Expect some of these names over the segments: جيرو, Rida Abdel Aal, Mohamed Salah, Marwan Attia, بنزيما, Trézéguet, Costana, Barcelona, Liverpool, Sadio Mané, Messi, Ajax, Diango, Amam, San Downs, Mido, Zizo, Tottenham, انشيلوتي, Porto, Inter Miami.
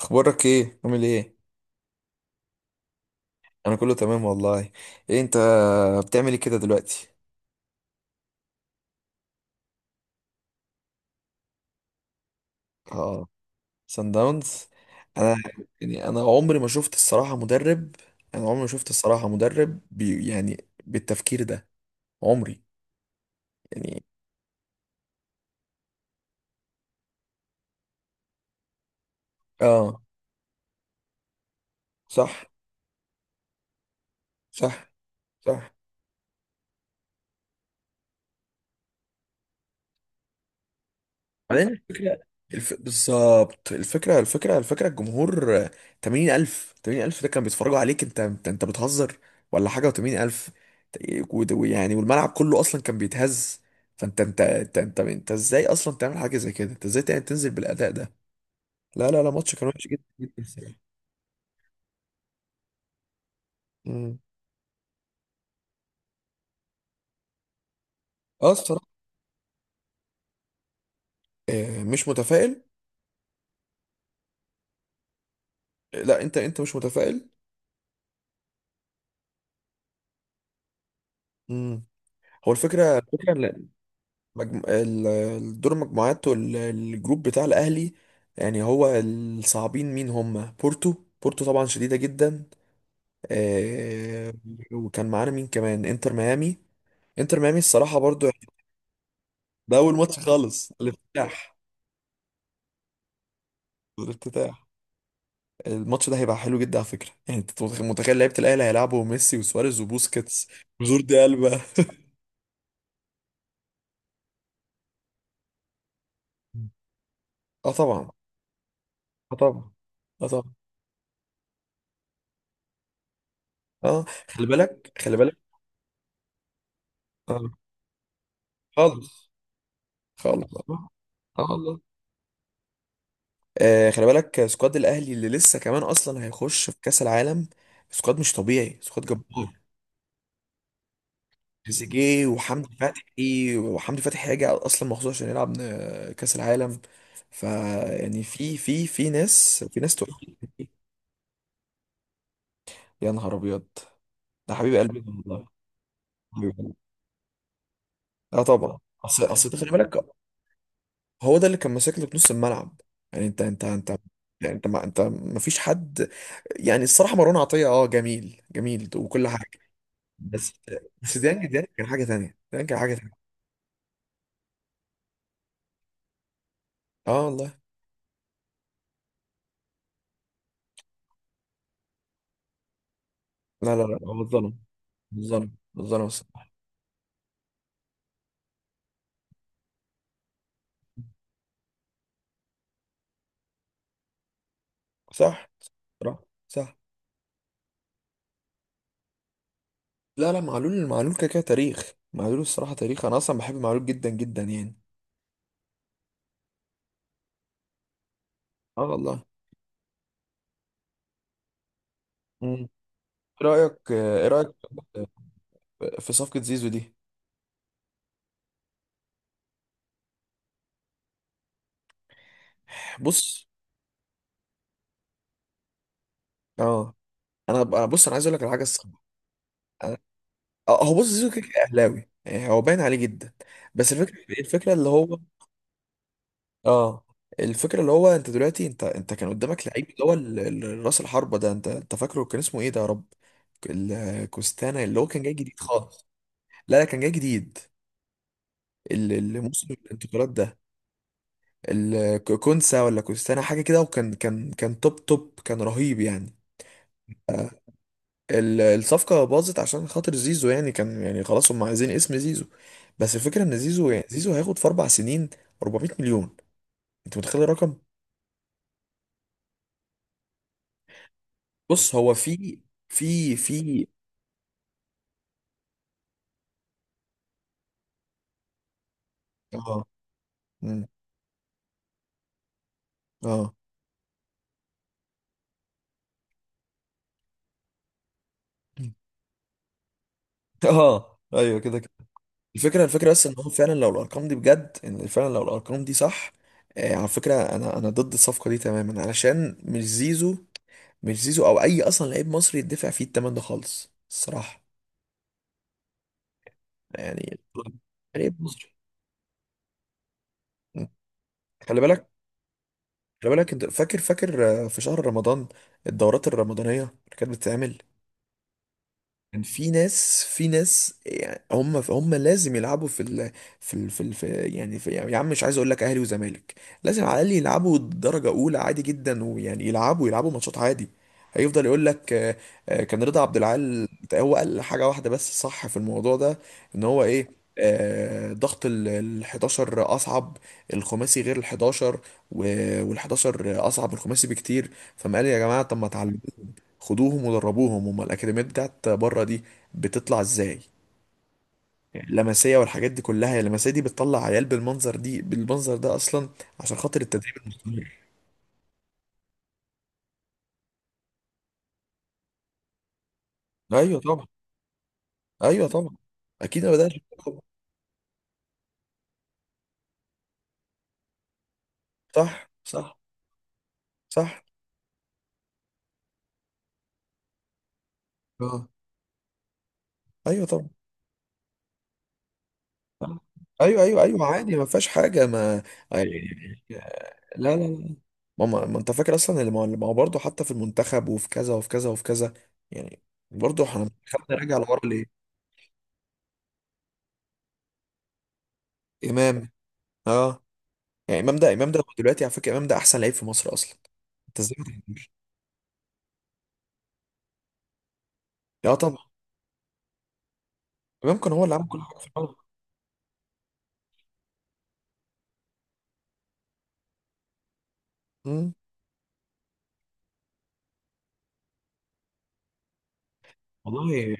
اخبارك ايه؟ عامل ايه؟ انا كله تمام والله. ايه انت؟ بتعمل ايه كده دلوقتي؟ اه. سان داونز. انا، يعني، انا عمري ما شفت الصراحه مدرب، انا عمري ما شفت الصراحه مدرب بي، يعني، بالتفكير ده. عمري، يعني. اه، صح، صح، صح. بعدين الفكرة، بالظبط، الفكرة، الجمهور، 80,000، 80,000 ده كان بيتفرجوا عليك. انت بتهزر ولا حاجة؟ و80,000، ويعني والملعب كله اصلا كان بيتهز. فانت، انت ازاي اصلا تعمل حاجة زي كده؟ انت ازاي تنزل بالاداء ده؟ لا، لا، لا، ماتش كان وحش جدا جدا الصراحة. مم. اه، الصراحة. آه، مش متفائل. آه، لا، انت مش متفائل. مم. هو الفكرة. الدور المجموعات والجروب بتاع الأهلي، يعني هو الصعبين مين؟ هم بورتو. بورتو طبعا شديدة جدا. آه. وكان معانا مين كمان؟ انتر ميامي. انتر ميامي الصراحة برضو، يعني ده أول ماتش خالص، الافتتاح. الافتتاح، الماتش ده هيبقى حلو جدا على فكرة. يعني انت متخيل لعيبة الأهلي هيلعبوا ميسي وسواريز وبوسكيتس وجوردي ألبا؟ اه طبعا. اه طبعا. اه طبعا. اه، خلي بالك خلي بالك. اه، خالص. خالص، اه. آه والله. آه، خلي بالك، سكواد الاهلي اللي لسه كمان اصلا هيخش في كاس العالم، سكواد مش طبيعي، سكواد جبار. تريزيجيه وحمدي فتحي، وحمدي فتحي هيجي اصلا مخصوص عشان يلعب كاس العالم. فيعني في في في ناس، في ناس تقول. يا نهار ابيض، ده حبيب قلبي ده والله. حبيب قلبي. اه طبعا. اصل ده، خلي بالك، هو ده اللي كان ماسك لك نص الملعب. يعني انت، يعني انت ما، انت ما فيش حد. يعني الصراحه مروان عطيه، اه، جميل جميل وكل حاجه، بس. بس ديانج، ديانج كان حاجه تانيه، ديانج كان حاجه تانيه. اه والله. لا، لا، لا، هو اتظلم. اتظلم، اتظلم الصراحه. صح، صح، صح. لا، لا، معلول، معلول كده كده تاريخ، معلول الصراحه تاريخ، انا اصلا بحب معلول جدا جدا، يعني. اه والله. مم. ايه رايك، ايه رايك في صفقه زيزو دي؟ بص، اه، بص، انا عايز اقول لك على حاجه الصراحه. أنا- اه، هو، بص، زيزو كده كده اهلاوي، يعني هو باين عليه جدا. بس الفكره اللي هو، اه، الفكره اللي هو، انت دلوقتي، انت كان قدامك لعيب، اللي هو راس الحربه ده، انت فاكره كان اسمه ايه ده يا رب؟ الكوستانا اللي هو كان جاي جديد خالص. لا، لا، كان جاي جديد اللي موسم الانتقالات ده. الكونسا، ولا كوستانا، حاجه كده، وكان كان كان توب توب، كان رهيب يعني. آه. الصفقه باظت عشان خاطر زيزو، يعني كان، يعني خلاص هم عايزين اسم زيزو. بس الفكره ان زيزو، يعني زيزو هياخد في 4 سنين 400 مليون. انت متخيل الرقم؟ بص، هو في، في، اه. مم. اه. مم. اه، ايوه، كده كده. الفكره بس، ان هو فعلا لو الارقام دي بجد، ان فعلا لو الارقام دي صح. آه، على فكره، انا ضد الصفقه دي تماما، علشان مش زيزو. مش زيزو او اي اصلا لعيب مصري يدفع فيه الثمن ده خالص الصراحه. يعني لعيب مصري. مم. خلي بالك، خلي بالك، انت فاكر، فاكر في شهر رمضان الدورات الرمضانيه اللي كانت بتتعمل، كان في ناس، في ناس، يعني، هم لازم يلعبوا في ال، في ال، يعني في، يعني، يا عم، مش عايز اقول لك اهلي وزمالك، لازم على الاقل يلعبوا درجه اولى عادي جدا، ويعني يلعبوا، يلعبوا ماتشات عادي. هيفضل يقول لك، آه، كان رضا عبد العال هو قال حاجه واحده بس صح في الموضوع ده، ان هو ايه، آه، ضغط ال 11 اصعب، الخماسي غير ال 11، وال 11 اصعب من الخماسي بكتير. فما قال يا جماعه، طب ما تعلموا، خدوهم ودربوهم. هم الاكاديميات بتاعت بره دي بتطلع ازاي؟ يعني لمسيه والحاجات دي كلها، هي اللمسيه دي بتطلع عيال بالمنظر دي، بالمنظر ده اصلا، عشان خاطر التدريب المستمر. ايوه طبعا. ايوه طبعا. اكيد ما بداش. صح، صح، صح. اه، ايوه طبعا. صح. ايوه، ايوه، ايوه، عادي، ما فيهاش حاجه، ما يعني. لا، لا، لا، ما انت فاكر اصلا اللي ما، اللي ما هو برضه حتى في المنتخب، وفي كذا، وفي كذا، وفي كذا، يعني، برضه احنا خدنا راجع لورا ليه. امام. اه، يعني امام ده، امام ده، هو دلوقتي على فكره امام ده احسن لعيب في مصر اصلا. انت ازاي ما تعرفوش؟ لا طبعا. امام كان هو اللي عمل كل حاجه في الملعب. مم. والله،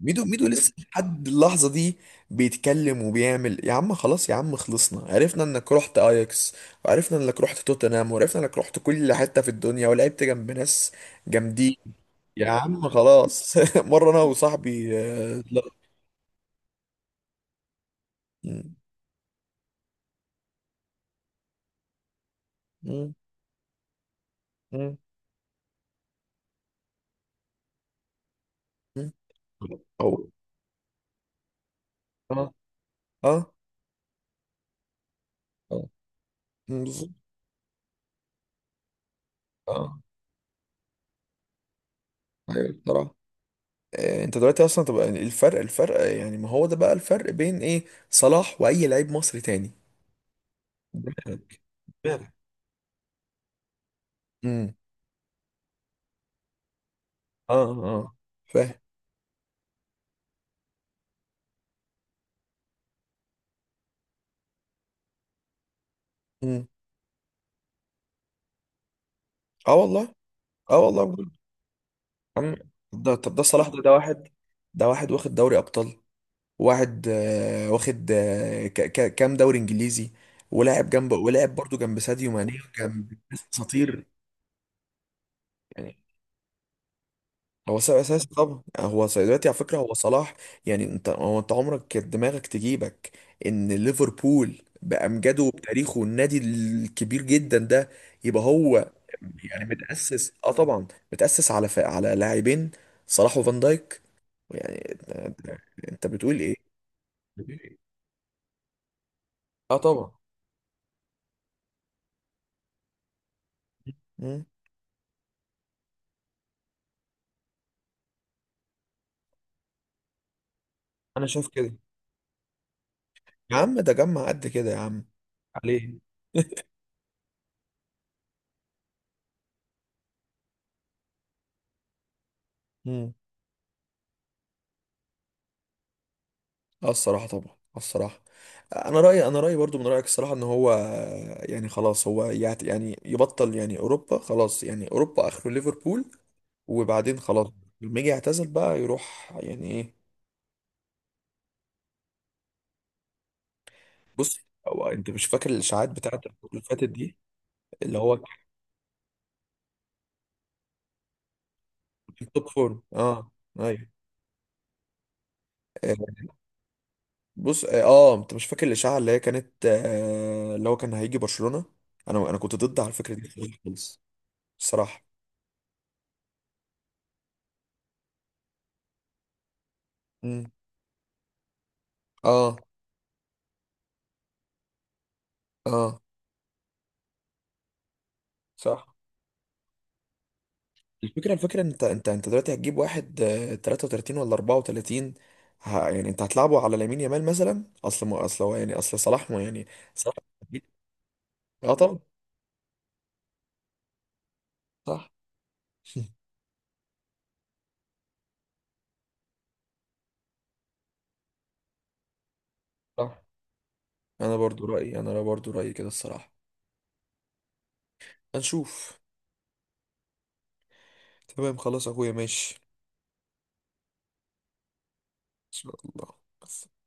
ميدو، ميدو لسه لحد اللحظه دي بيتكلم وبيعمل. يا عم خلاص، يا عم، خلصنا، عرفنا انك رحت اياكس، وعرفنا انك رحت توتنهام، وعرفنا انك رحت كل حته في الدنيا ولعبت جنب ناس جامدين. يا عم خلاص. مره انا وصاحبي، لا. مم. مم. مم. مم. او. اه. اه. اه. مم، بالظبط. اه، ايوه بصراحه. انت دلوقتي اصلا تبقى الفرق، يعني ما هو ده بقى الفرق بين ايه صلاح واي لعيب مصري تاني. امبارح. امم اه. اه. فاهم. امم اه والله. اه والله بجد. عم، ده، طب ده صلاح، ده واحد. ده واحد واخد دوري ابطال. واحد، آه، واخد، آه، كام دوري انجليزي، ولاعب جنب، ولاعب برضو جنب ساديو ماني، وجنب ناس اساطير يعني. هو سبب اساسي طبعا، يعني هو دلوقتي على فكره هو صلاح. يعني انت، انت عمرك كانت دماغك تجيبك ان ليفربول بامجاده وبتاريخه النادي الكبير جدا ده يبقى هو، يعني متاسس؟ اه طبعا، متاسس على لاعبين، صلاح وفان دايك، يعني انت. أنت بتقول ايه؟ بتقول إيه؟ اه طبعا. مم. انا شايف كده. يا عم، ده جمع قد كده، يا عم، عليه. اه الصراحة طبعا. آه الصراحة. انا رأيي برضو من رأيك الصراحة، ان هو، يعني خلاص هو يعني يبطل، يعني اوروبا خلاص، يعني اوروبا اخره ليفربول، وبعدين خلاص. لما يجي يعتزل بقى يروح، يعني، ايه؟ بص، هو، انت مش فاكر الاشاعات بتاعت الفترة اللي فاتت دي، اللي هو كان في التوب فورم، اه. ايوه. آه. بص، اه، آه، انت مش فاكر الاشاعة اللي هي كانت، آه، اللي هو كان هيجي برشلونة؟ انا كنت ضد على الفكرة دي خالص الصراحة. امم اه. اه. صح. الفكرة، انت دلوقتي هتجيب واحد 33 ولا 34. يعني انت هتلعبه على لامين يامال مثلا؟ اصل ما، اصل هو، يعني، اصل صلاح، ما، يعني صلاح، اه طبعا. صح. صح. انا برضو رأيي كده الصراحة. هنشوف. تمام، خلاص يا اخويا، ماشي ان شاء الله بس.